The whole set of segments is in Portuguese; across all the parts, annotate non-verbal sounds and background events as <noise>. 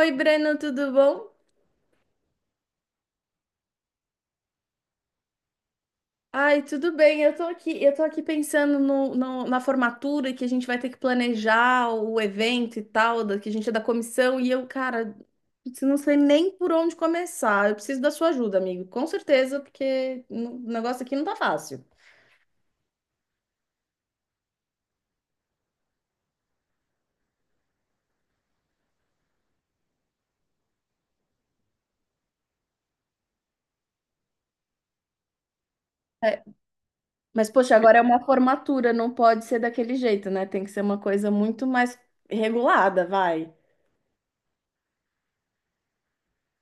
Oi, Breno, tudo bom? Ai, tudo bem. Eu tô aqui pensando na formatura que a gente vai ter que planejar o evento e tal, que a gente é da comissão, e eu, cara, putz, eu não sei nem por onde começar. Eu preciso da sua ajuda, amigo, com certeza, porque o negócio aqui não tá fácil. É. Mas, poxa, agora é uma formatura, não pode ser daquele jeito, né? Tem que ser uma coisa muito mais regulada, vai.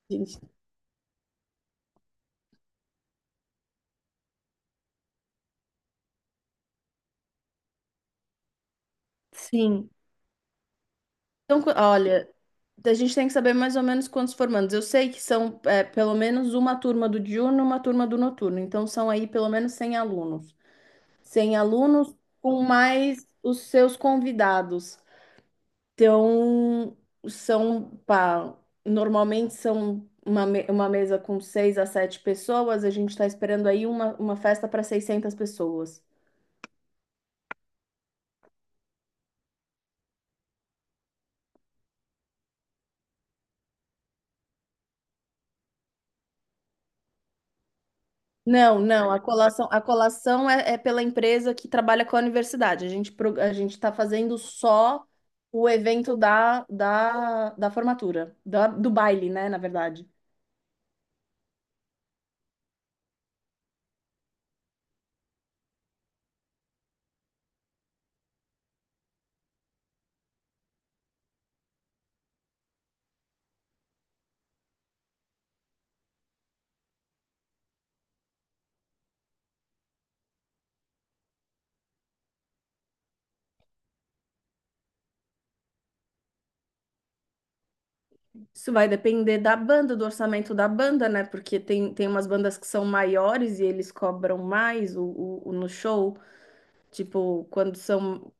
Gente. Sim. Então, olha, a gente tem que saber mais ou menos quantos formandos. Eu sei que são pelo menos uma turma do diurno, uma turma do noturno. Então, são aí pelo menos 100 alunos. Cem alunos com mais os seus convidados. Então, são, pá, normalmente são uma mesa com seis a sete pessoas. A gente está esperando aí uma festa para 600 pessoas. Não, não, a colação, é pela empresa que trabalha com a universidade. A gente está fazendo só o evento da formatura, do baile, né, na verdade. Isso vai depender da banda, do orçamento da banda, né? Porque tem umas bandas que são maiores e eles cobram mais no show. Tipo, quando são...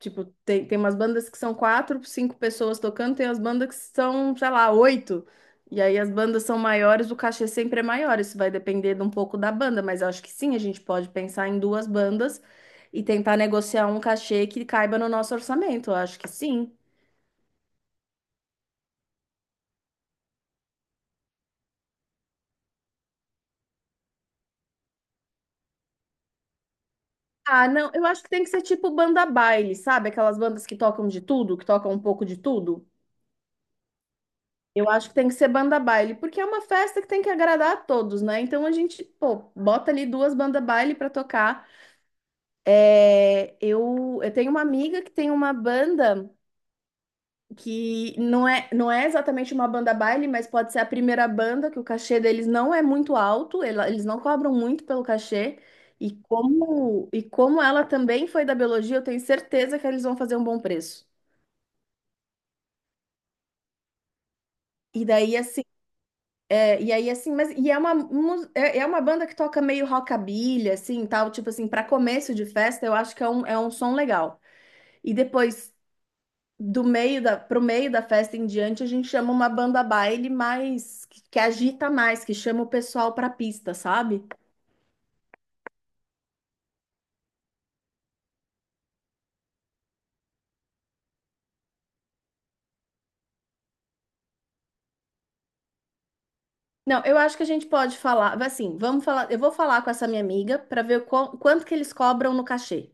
Tipo, tem umas bandas que são quatro, cinco pessoas tocando, tem as bandas que são, sei lá, oito. E aí as bandas são maiores, o cachê sempre é maior. Isso vai depender de um pouco da banda, mas eu acho que sim, a gente pode pensar em duas bandas e tentar negociar um cachê que caiba no nosso orçamento. Eu acho que sim. Ah, não, eu acho que tem que ser tipo banda baile, sabe? Aquelas bandas que tocam de tudo, que tocam um pouco de tudo. Eu acho que tem que ser banda baile, porque é uma festa que tem que agradar a todos, né? Então a gente, pô, bota ali duas bandas baile pra tocar. É, eu tenho uma amiga que tem uma banda que não é exatamente uma banda baile, mas pode ser a primeira banda, que o cachê deles não é muito alto, eles não cobram muito pelo cachê. E como ela também foi da biologia, eu tenho certeza que eles vão fazer um bom preço. E daí, assim, e aí, assim, é é uma banda que toca meio rockabilly, assim, tal, tipo assim, para começo de festa, eu acho que é um som legal. E depois, do pro meio da festa em diante, a gente chama uma banda baile mais que agita mais, que chama o pessoal pra pista, sabe? Não, eu acho que a gente pode falar, assim, vamos falar, eu vou falar com essa minha amiga pra ver quanto que eles cobram no cachê.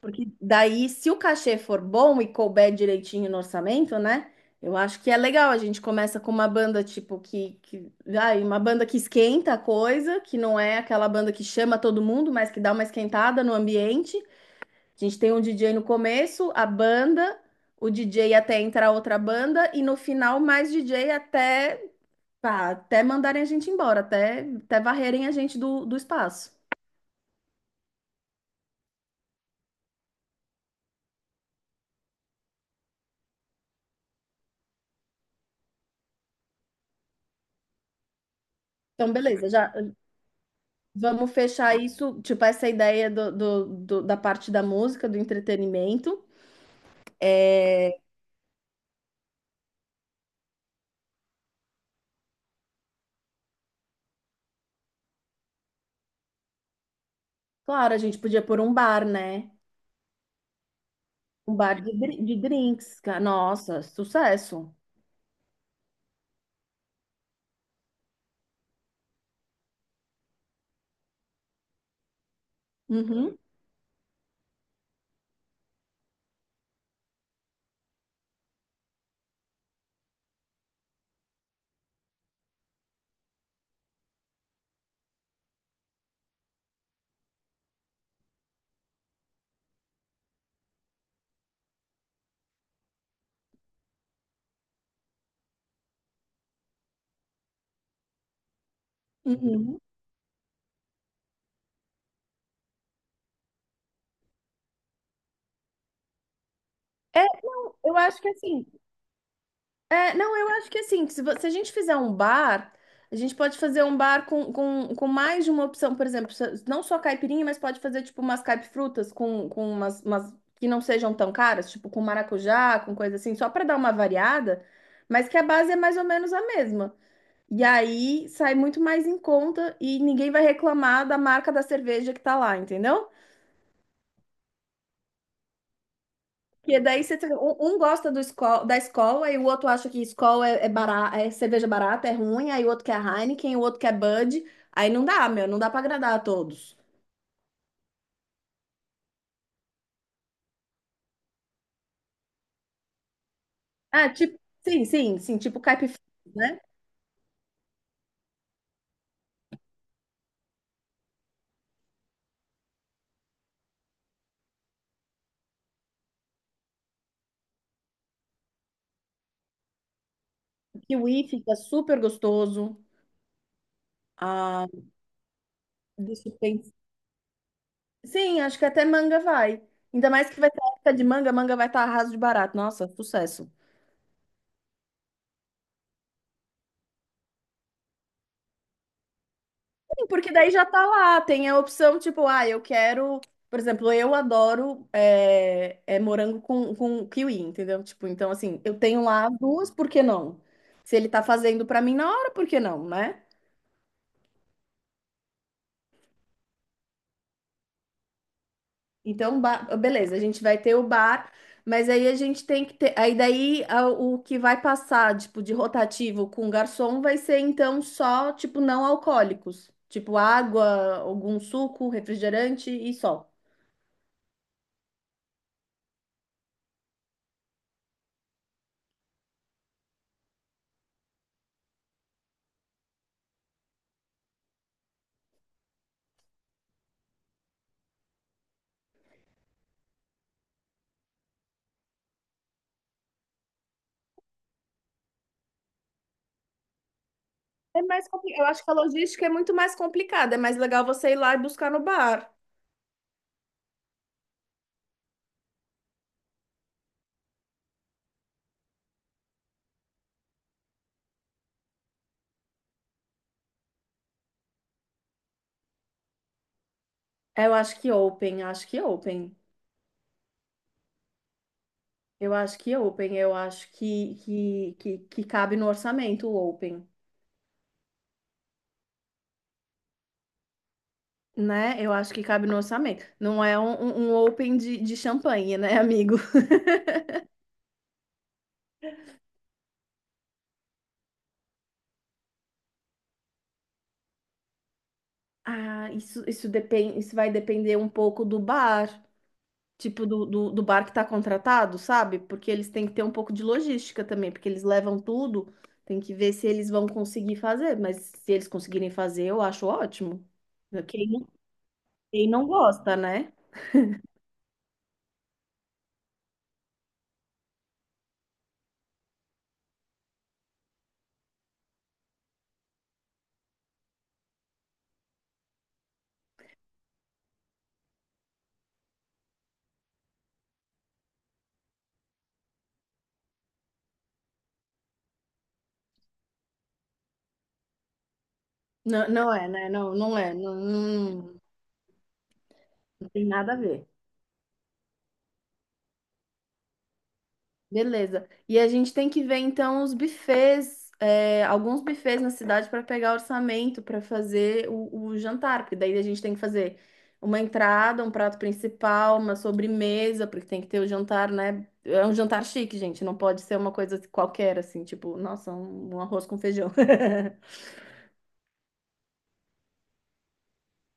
Porque daí, se o cachê for bom e couber direitinho no orçamento, né? Eu acho que é legal. A gente começa com uma banda tipo uma banda que esquenta a coisa, que não é aquela banda que chama todo mundo, mas que dá uma esquentada no ambiente. A gente tem um DJ no começo, a banda, o DJ até entrar outra banda, e no final mais DJ até, pá, até mandarem a gente embora, até varrerem a gente do espaço. Então, beleza, já vamos fechar isso, tipo, essa ideia da parte da música, do entretenimento. É, claro, a gente podia pôr um bar, né? Um bar de, de drinks, cara. Nossa, sucesso. Uhum, uhum. É, não, eu acho que assim, É, não, eu acho que assim, se, se a gente fizer um bar, a gente pode fazer um bar com mais de uma opção, por exemplo, não só caipirinha, mas pode fazer tipo umas caipifrutas com, umas que não sejam tão caras, tipo com maracujá, com coisa assim, só para dar uma variada, mas que a base é mais ou menos a mesma. E aí sai muito mais em conta e ninguém vai reclamar da marca da cerveja que tá lá, entendeu? Porque daí você um gosta do da escola e o outro acha que escola é, é, é cerveja barata, é ruim, aí o outro quer Heineken, o outro quer Bud. Aí não dá, meu, não dá pra agradar a todos. Ah, tipo, sim, sim, sim, tipo caipifruta, né? Kiwi fica super gostoso. Ah, deixa eu pensar. Sim, acho que até manga vai. Ainda mais que vai ter época de manga, manga vai estar arraso de barato. Nossa, sucesso. Porque daí já tá lá, tem a opção tipo, ah, eu quero. Por exemplo, eu adoro é morango com kiwi, entendeu? Tipo, então assim, eu tenho lá as duas, por que não? Se ele tá fazendo pra mim na hora, por que não, né? Então, beleza, a gente vai ter o bar, mas aí a gente tem que ter. Aí daí o que vai passar, tipo, de rotativo com garçom vai ser então só, tipo, não alcoólicos. Tipo, água, algum suco, refrigerante e só. Eu acho que a logística é muito mais complicada. É mais legal você ir lá e buscar no bar. Eu acho que open, acho que open. Eu acho que open, eu acho que cabe no orçamento o open, né? Eu acho que cabe no orçamento. Não é um open de champanhe, né, amigo? <laughs> Ah, isso depende, isso vai depender um pouco do bar, tipo do bar que tá contratado, sabe? Porque eles têm que ter um pouco de logística também, porque eles levam tudo, tem que ver se eles vão conseguir fazer, mas se eles conseguirem fazer, eu acho ótimo. Quem, não- quem não gosta, né? Não, não é, né? Não, não é, não, não, não tem nada a ver. Beleza. E a gente tem que ver então os buffets, é, alguns buffets na cidade para pegar orçamento para fazer o jantar, porque daí a gente tem que fazer uma entrada, um prato principal, uma sobremesa, porque tem que ter o jantar, né? É um jantar chique, gente, não pode ser uma coisa qualquer assim, tipo, nossa, um arroz com feijão. <laughs>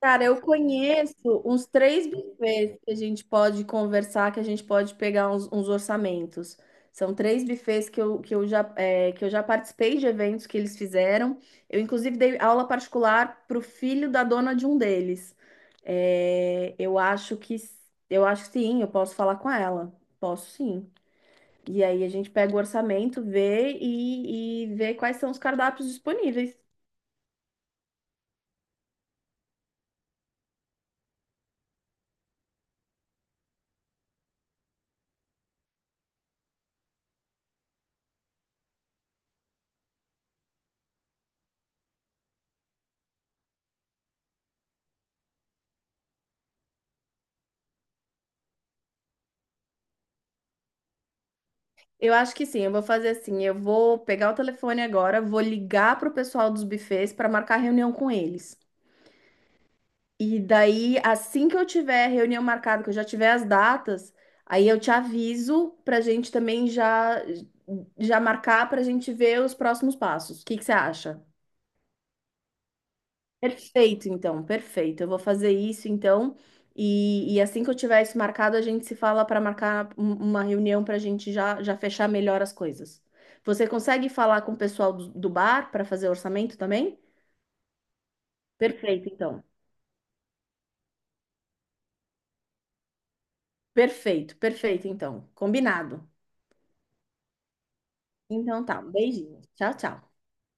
Cara, eu conheço uns três bufês que a gente pode conversar, que a gente pode pegar uns orçamentos. São três bufês que eu já, é, que eu já participei de eventos que eles fizeram. Eu, inclusive, dei aula particular para o filho da dona de um deles. É, eu acho que, eu acho que sim, eu posso falar com ela. Posso sim. E aí a gente pega o orçamento, vê e vê quais são os cardápios disponíveis. Eu acho que sim, eu vou fazer assim, eu vou pegar o telefone agora, vou ligar pro pessoal dos bufês para marcar reunião com eles. E daí, assim que eu tiver reunião marcada, que eu já tiver as datas, aí eu te aviso pra gente também já já marcar pra gente ver os próximos passos. O que que você acha? Perfeito, então, perfeito. Eu vou fazer isso, então, e assim que eu tiver isso marcado, a gente se fala para marcar uma reunião para a gente já, já fechar melhor as coisas. Você consegue falar com o pessoal do bar para fazer orçamento também? Perfeito, então. Perfeito, perfeito, então. Combinado. Então tá, um beijinho. Tchau, tchau.